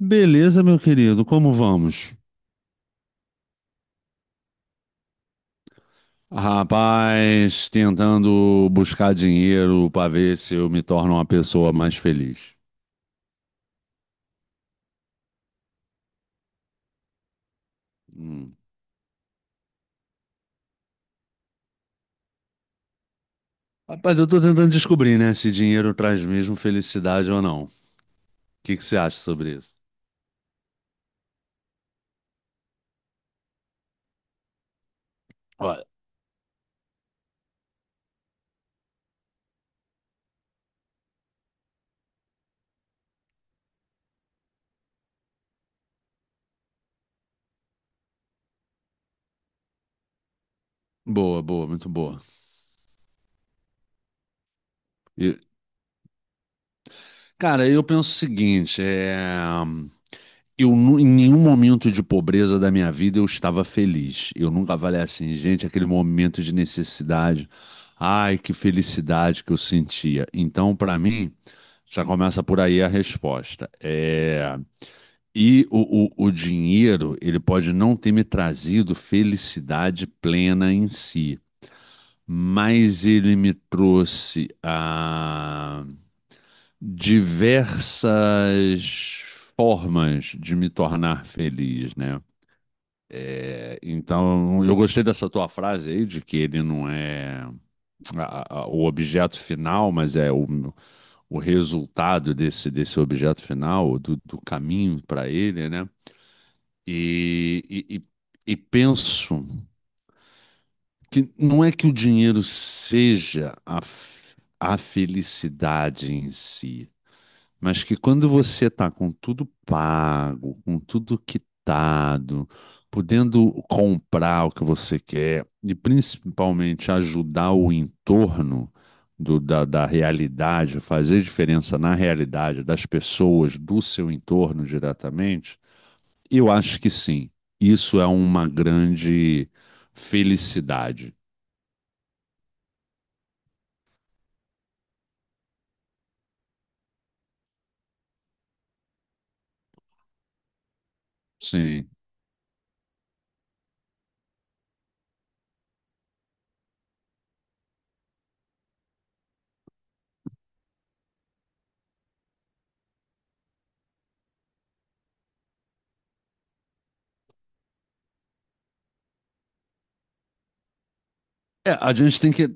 Beleza, meu querido, como vamos? Rapaz, tentando buscar dinheiro para ver se eu me torno uma pessoa mais feliz. Hum. Rapaz, eu tô tentando descobrir, né, se dinheiro traz mesmo felicidade ou não. O que que você acha sobre isso? Olha, boa, boa, muito boa. E, cara, eu penso o seguinte. Em nenhum momento de pobreza da minha vida eu estava feliz. Eu nunca falei assim, gente, aquele momento de necessidade. Ai, que felicidade que eu sentia. Então, para mim, já começa por aí a resposta. E o dinheiro, ele pode não ter me trazido felicidade plena em si, mas ele me trouxe a diversas formas de me tornar feliz, né? É, então, eu gostei dessa tua frase aí, de que ele não é o objeto final, mas é o resultado desse objeto final, do caminho para ele, né? E, e, e e penso que não é que o dinheiro seja a felicidade em si, mas que quando você está com tudo pago, com tudo quitado, podendo comprar o que você quer e principalmente ajudar o entorno da realidade, fazer diferença na realidade das pessoas do seu entorno diretamente, eu acho que sim. Isso é uma grande felicidade. Sim. É, a gente tem que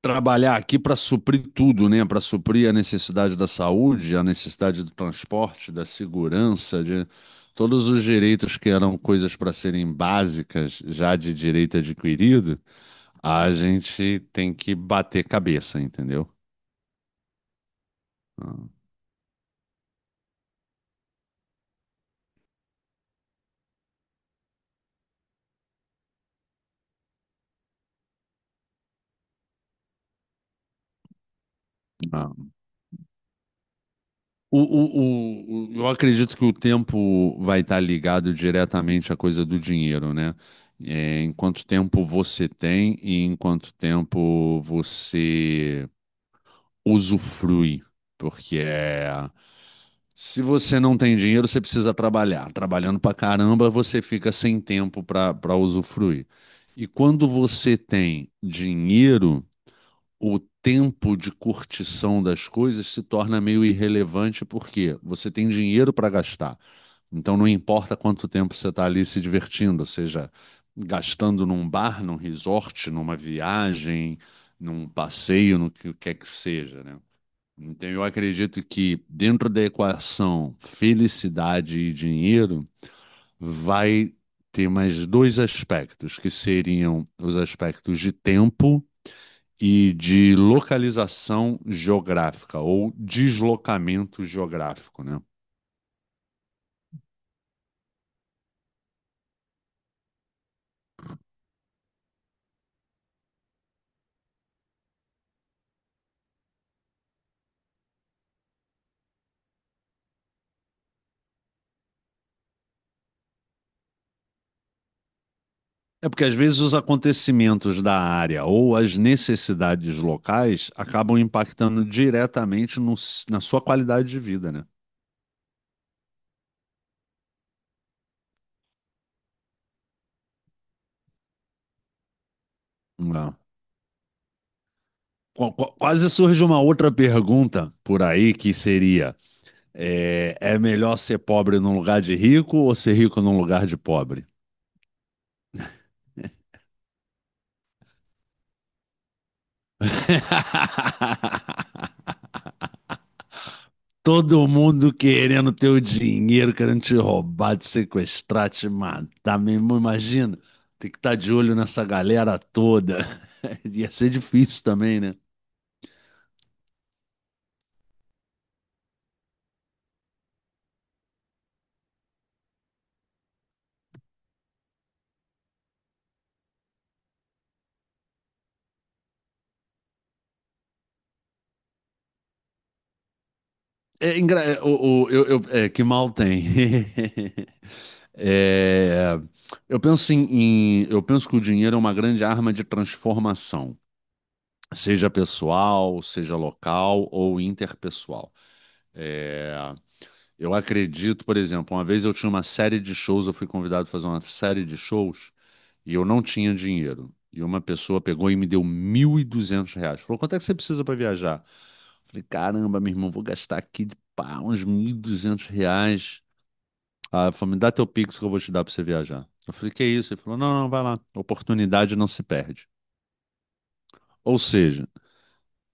trabalhar aqui para suprir tudo, né? Para suprir a necessidade da saúde, a necessidade do transporte, da segurança, de todos os direitos que eram coisas para serem básicas, já de direito adquirido, a gente tem que bater cabeça, entendeu? Ah, ah. Eu acredito que o tempo vai estar ligado diretamente à coisa do dinheiro, né? É, em quanto tempo você tem e em quanto tempo você usufrui, porque é, se você não tem dinheiro, você precisa trabalhar. Trabalhando pra caramba, você fica sem tempo pra para usufruir. E quando você tem dinheiro, o tempo de curtição das coisas se torna meio irrelevante porque você tem dinheiro pra gastar. Então não importa quanto tempo você está ali se divertindo, ou seja, gastando num bar, num resort, numa viagem, num passeio, no que quer que seja, né? Então, eu acredito que dentro da equação felicidade e dinheiro, vai ter mais dois aspectos, que seriam os aspectos de tempo e de localização geográfica ou deslocamento geográfico, né? É porque às vezes os acontecimentos da área ou as necessidades locais acabam impactando diretamente na sua qualidade de vida, né? É. Quase surge uma outra pergunta por aí que seria: é melhor ser pobre num lugar de rico ou ser rico num lugar de pobre? Todo mundo querendo teu dinheiro, querendo te roubar, te sequestrar, te matar, meu irmão. Imagina, tem que estar de olho nessa galera toda. Ia ser difícil também, né? É, que mal tem. É, eu penso eu penso que o dinheiro é uma grande arma de transformação, seja pessoal, seja local ou interpessoal. É, eu acredito, por exemplo, uma vez eu tinha uma série de shows, eu fui convidado a fazer uma série de shows e eu não tinha dinheiro. E uma pessoa pegou e me deu R$ 1.200. Falou, quanto é que você precisa para viajar? Falei, caramba, meu irmão, vou gastar aqui de pá, uns R$ 1.200. Ah, falou, me dá teu Pix que eu vou te dar para você viajar. Eu falei, que isso? Ele falou, não, não, vai lá. Oportunidade não se perde. Ou seja,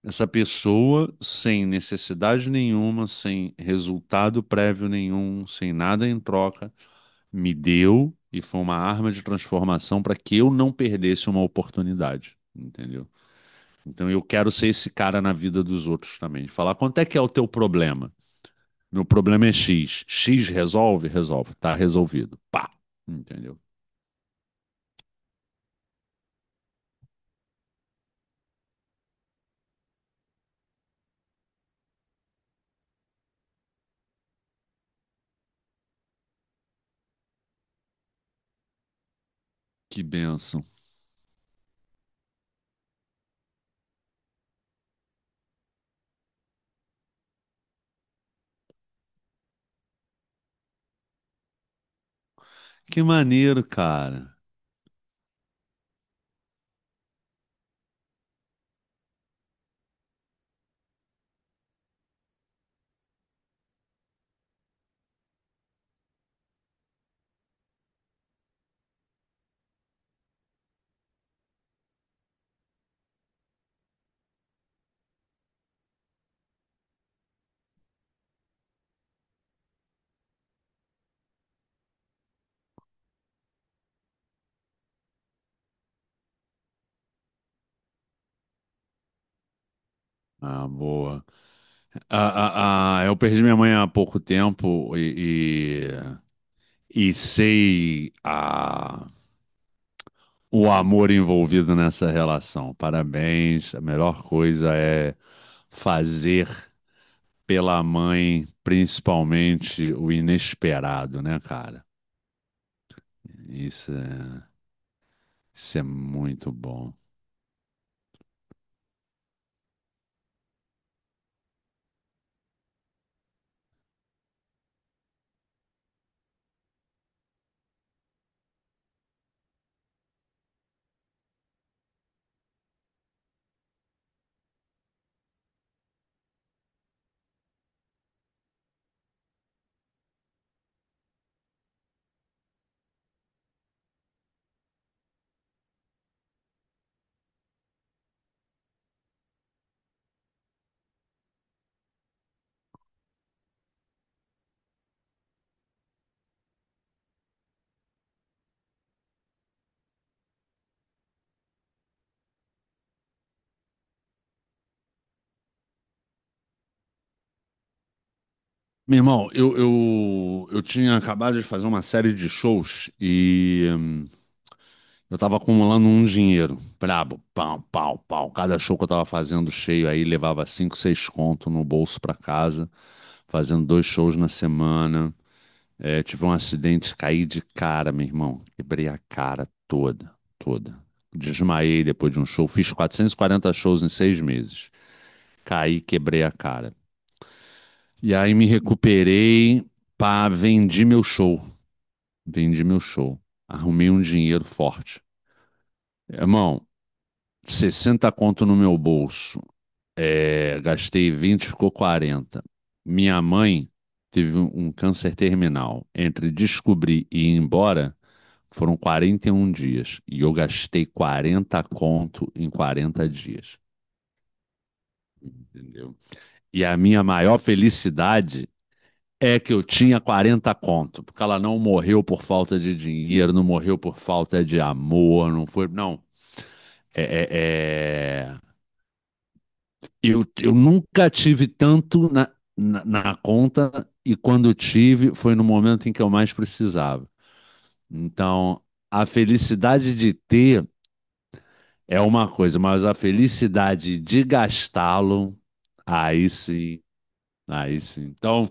essa pessoa sem necessidade nenhuma, sem resultado prévio nenhum, sem nada em troca, me deu e foi uma arma de transformação para que eu não perdesse uma oportunidade, entendeu? Então eu quero ser esse cara na vida dos outros também. Falar quanto é que é o teu problema? Meu problema é X. X resolve? Resolve. Tá resolvido. Pá. Entendeu? Que bênção. Que maneiro, cara. Ah, boa. Ah, ah, ah, eu perdi minha mãe há pouco tempo e, sei a o amor envolvido nessa relação. Parabéns. A melhor coisa é fazer pela mãe, principalmente o inesperado, né, cara? Isso é, isso é muito bom. Meu irmão, eu tinha acabado de fazer uma série de shows e eu tava acumulando um dinheiro. Brabo, pau, pau, pau. Cada show que eu tava fazendo cheio aí levava cinco, seis conto no bolso pra casa, fazendo dois shows na semana. É, tive um acidente, caí de cara, meu irmão. Quebrei a cara toda, toda. Desmaiei depois de um show. Fiz 440 shows em 6 meses. Caí, quebrei a cara. E aí me recuperei, pá, vendi meu show. Vendi meu show. Arrumei um dinheiro forte. Irmão, 60 conto no meu bolso. É, gastei 20, ficou 40. Minha mãe teve um câncer terminal. Entre descobrir e ir embora, foram 41 dias. E eu gastei 40 conto em 40 dias. Entendeu? E a minha maior felicidade é que eu tinha 40 conto. Porque ela não morreu por falta de dinheiro, não morreu por falta de amor, não foi. Não. É, é, é... eu nunca tive tanto na conta e quando tive foi no momento em que eu mais precisava. Então, a felicidade de ter é uma coisa, mas a felicidade de gastá-lo, aí sim, aí sim. Então,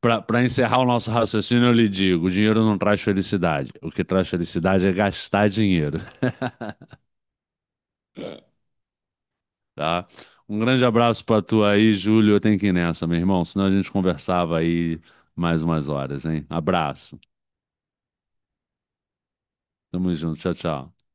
para encerrar o nosso raciocínio, eu lhe digo: o dinheiro não traz felicidade. O que traz felicidade é gastar dinheiro. Tá? Um grande abraço pra tu aí, Júlio. Eu tenho que ir nessa, meu irmão, senão a gente conversava aí mais umas horas, hein? Abraço. Tamo junto. Tchau, tchau.